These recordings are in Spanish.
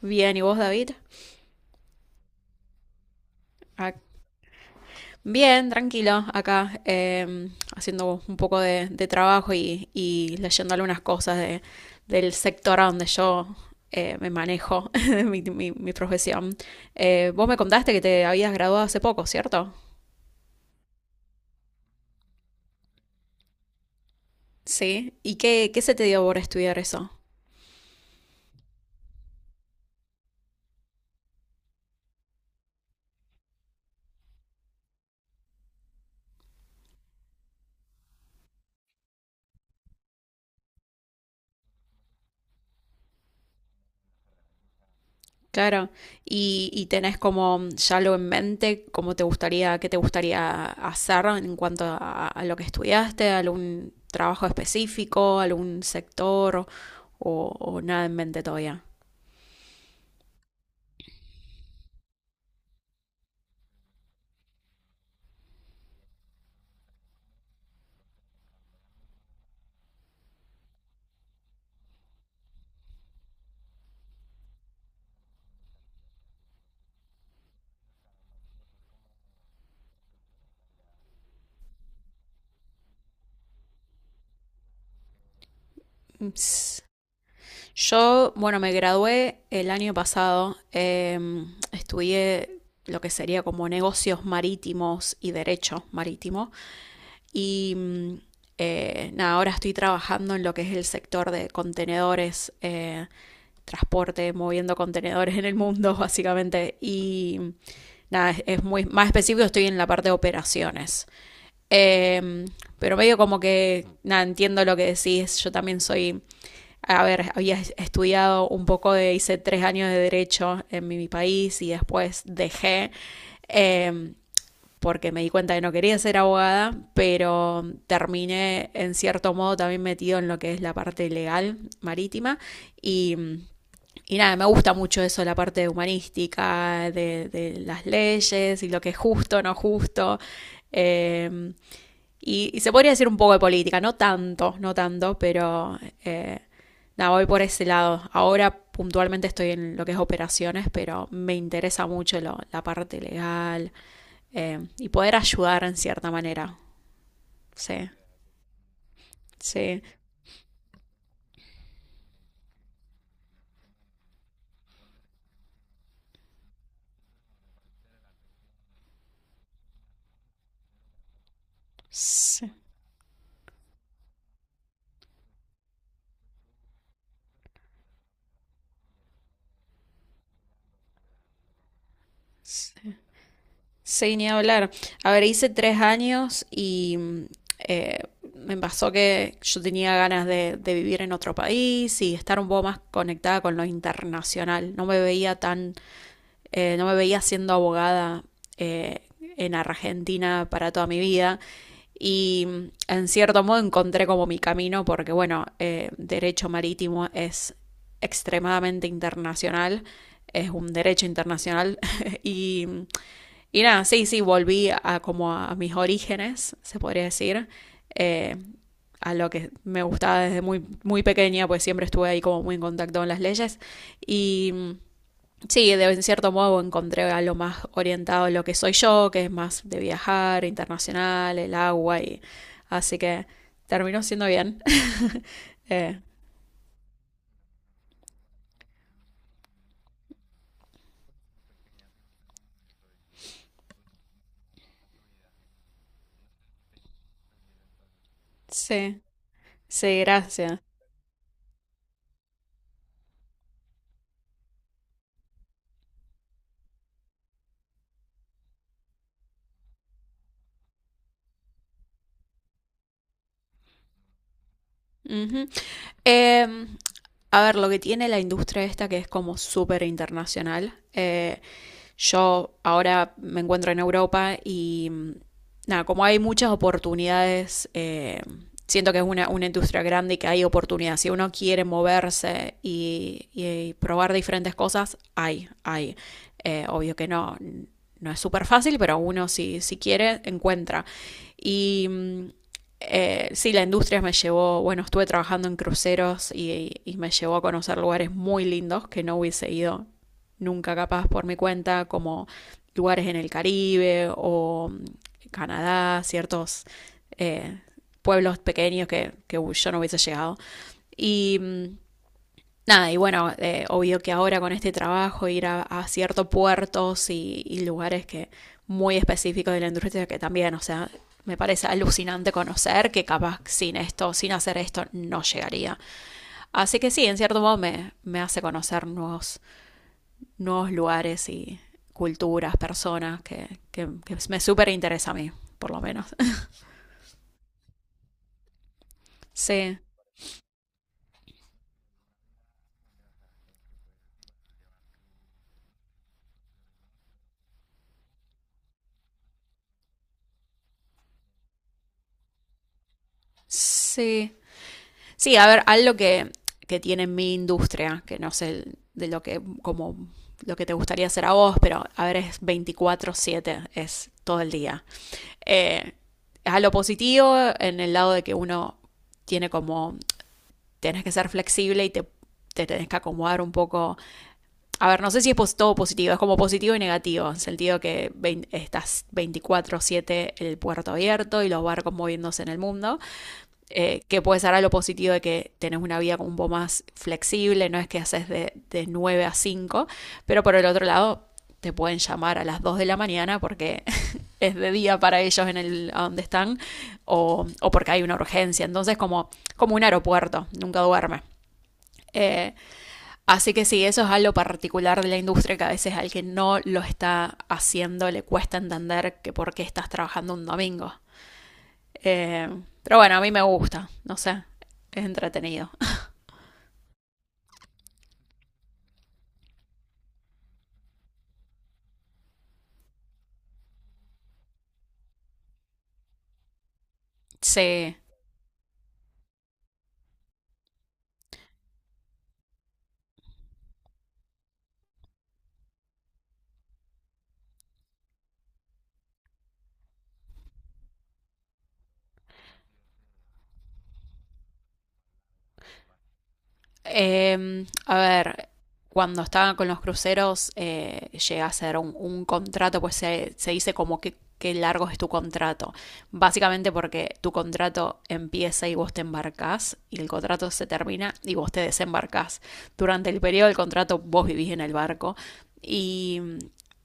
Bien, ¿y vos, David? Ac- Bien, tranquilo, acá haciendo un poco de trabajo y leyendo algunas cosas del sector a donde yo me manejo, de mi profesión. Vos me contaste que te habías graduado hace poco, ¿cierto? Sí. ¿Y qué se te dio por estudiar eso? Claro, y tenés como ya lo en mente, cómo te gustaría, qué te gustaría hacer en cuanto a lo que estudiaste, algún trabajo específico, algún sector o nada en mente todavía. Ps. Yo, bueno, me gradué el año pasado, estudié lo que sería como negocios marítimos y derecho marítimo y nada, ahora estoy trabajando en lo que es el sector de contenedores. Transporte, moviendo contenedores en el mundo, básicamente. Y nada, es muy más específico, estoy en la parte de operaciones. Eh, pero medio como que, nada, entiendo lo que decís, yo también soy, a ver, había estudiado un poco de, hice 3 años de derecho en mi país y después dejé. Eh, Porque me di cuenta que no quería ser abogada, pero terminé en cierto modo también metido en lo que es la parte legal marítima y y nada, me gusta mucho eso, la parte humanística, de las leyes y lo que es justo, no justo. Eh, y, se podría decir un poco de política, no tanto, no tanto, pero eh, nada, voy por ese lado. Ahora puntualmente estoy en lo que es operaciones, pero me interesa mucho lo, la parte legal y poder ayudar en cierta manera. Sí, sí, sí, sí. Sí, ni hablar. A ver, hice 3 años y eh, me pasó que yo tenía ganas de vivir en otro país y estar un poco más conectada con lo internacional. No me veía tan, no me veía siendo abogada eh, en Argentina para toda mi vida. Y en cierto modo encontré como mi camino porque, bueno, derecho marítimo es extremadamente internacional, es un derecho internacional y mm, y nada, sí, sí, volví a como a mis orígenes, se podría decir, eh, a lo que me gustaba desde muy, muy pequeña, pues siempre estuve ahí como muy en contacto con las leyes. Y sí, de, en cierto modo encontré algo más orientado a lo que soy yo, que es más de viajar, internacional, el agua, y así que terminó siendo bien. eh, sí, sí, gracias. Ujú. Eh, a ver, lo que tiene la industria esta que es como súper internacional. Yo ahora me encuentro en Europa y nada, como hay muchas oportunidades, siento que es una industria grande y que hay oportunidades. Si uno quiere moverse y probar diferentes cosas, hay. Obvio que no, no es súper fácil, pero uno si, si quiere, encuentra. Y sí, la industria me llevó, bueno, estuve trabajando en cruceros y, me llevó a conocer lugares muy lindos que no hubiese ido nunca capaz por mi cuenta, como lugares en el Caribe o Canadá, ciertos eh, pueblos pequeños que yo no hubiese llegado. Y nada, y bueno, obvio que ahora con este trabajo ir a ciertos puertos y, lugares que muy específicos de la industria que también, o sea, me parece alucinante conocer que capaz sin esto, sin hacer esto, no llegaría. Así que sí, en cierto modo me hace conocer nuevos lugares y culturas, personas, que me súper interesa a mí, por lo menos. Sí, sí. Sí, a ver, algo que tiene mi industria, que no sé de lo que, como lo que te gustaría hacer a vos, pero a ver, es 24/7, es todo el día. Eh, es a lo positivo en el lado de que uno tiene como, tienes que ser flexible y te tenés que acomodar un poco. A ver, no sé si es todo positivo, es como positivo y negativo, en el sentido que estás 24/7, el puerto abierto y los barcos moviéndose en el mundo, que puede ser algo positivo de que tenés una vida como un poco más flexible, no es que haces de 9 a 5, pero por el otro lado te pueden llamar a las 2 de la mañana porque es de día para ellos en el a donde están o porque hay una urgencia, entonces como, un aeropuerto, nunca duerme. Eh, Así que sí, eso es algo particular de la industria que a veces al que no lo está haciendo le cuesta entender que por qué estás trabajando un domingo. Eh, pero bueno, a mí me gusta, no sé, es entretenido. Sí, a ver, cuando estaba con los cruceros, llega a ser un contrato, pues se dice como que qué largo es tu contrato. Básicamente porque tu contrato empieza y vos te embarcás y el contrato se termina y vos te desembarcás. Durante el periodo del contrato vos vivís en el barco y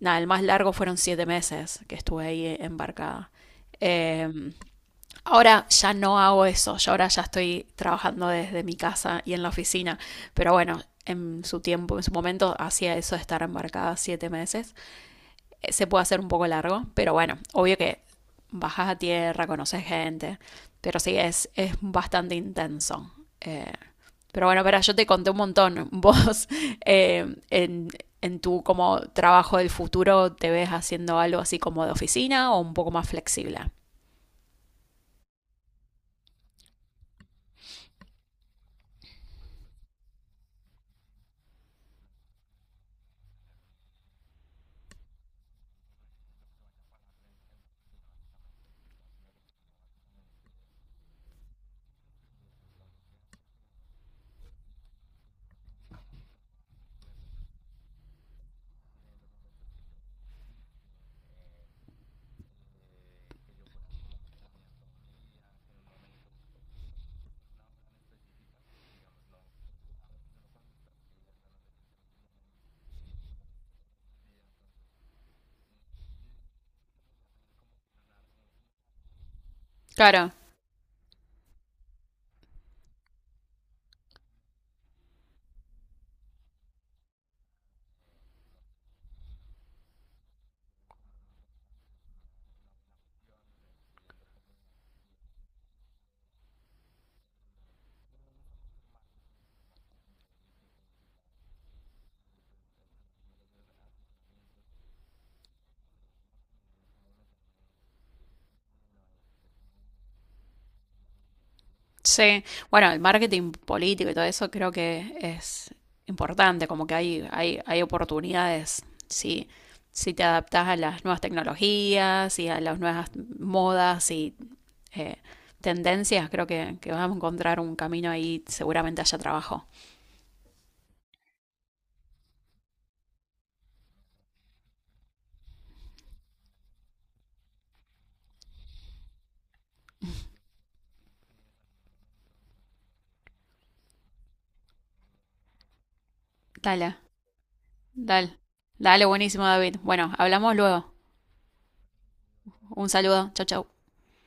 nada, el más largo fueron 7 meses que estuve ahí embarcada. Eh, Ahora ya no hago eso, yo ahora ya estoy trabajando desde mi casa y en la oficina, pero bueno, en su tiempo, en su momento, hacía eso de estar embarcada 7 meses. Se puede hacer un poco largo, pero bueno, obvio que bajas a tierra, conoces gente, pero sí, es bastante intenso. Eh, pero bueno, pero yo te conté un montón. Vos eh, en, en tu como trabajo del futuro te ves haciendo algo así como de oficina o un poco más flexible. Claro, sí, bueno, el marketing político y todo eso creo que es importante, como que hay oportunidades si, si te adaptas a las nuevas tecnologías y a las nuevas modas y eh, tendencias, creo que vas a encontrar un camino ahí, seguramente haya trabajo. Dale, dale, dale, buenísimo, David. Bueno, hablamos luego. Un saludo, chau, chau.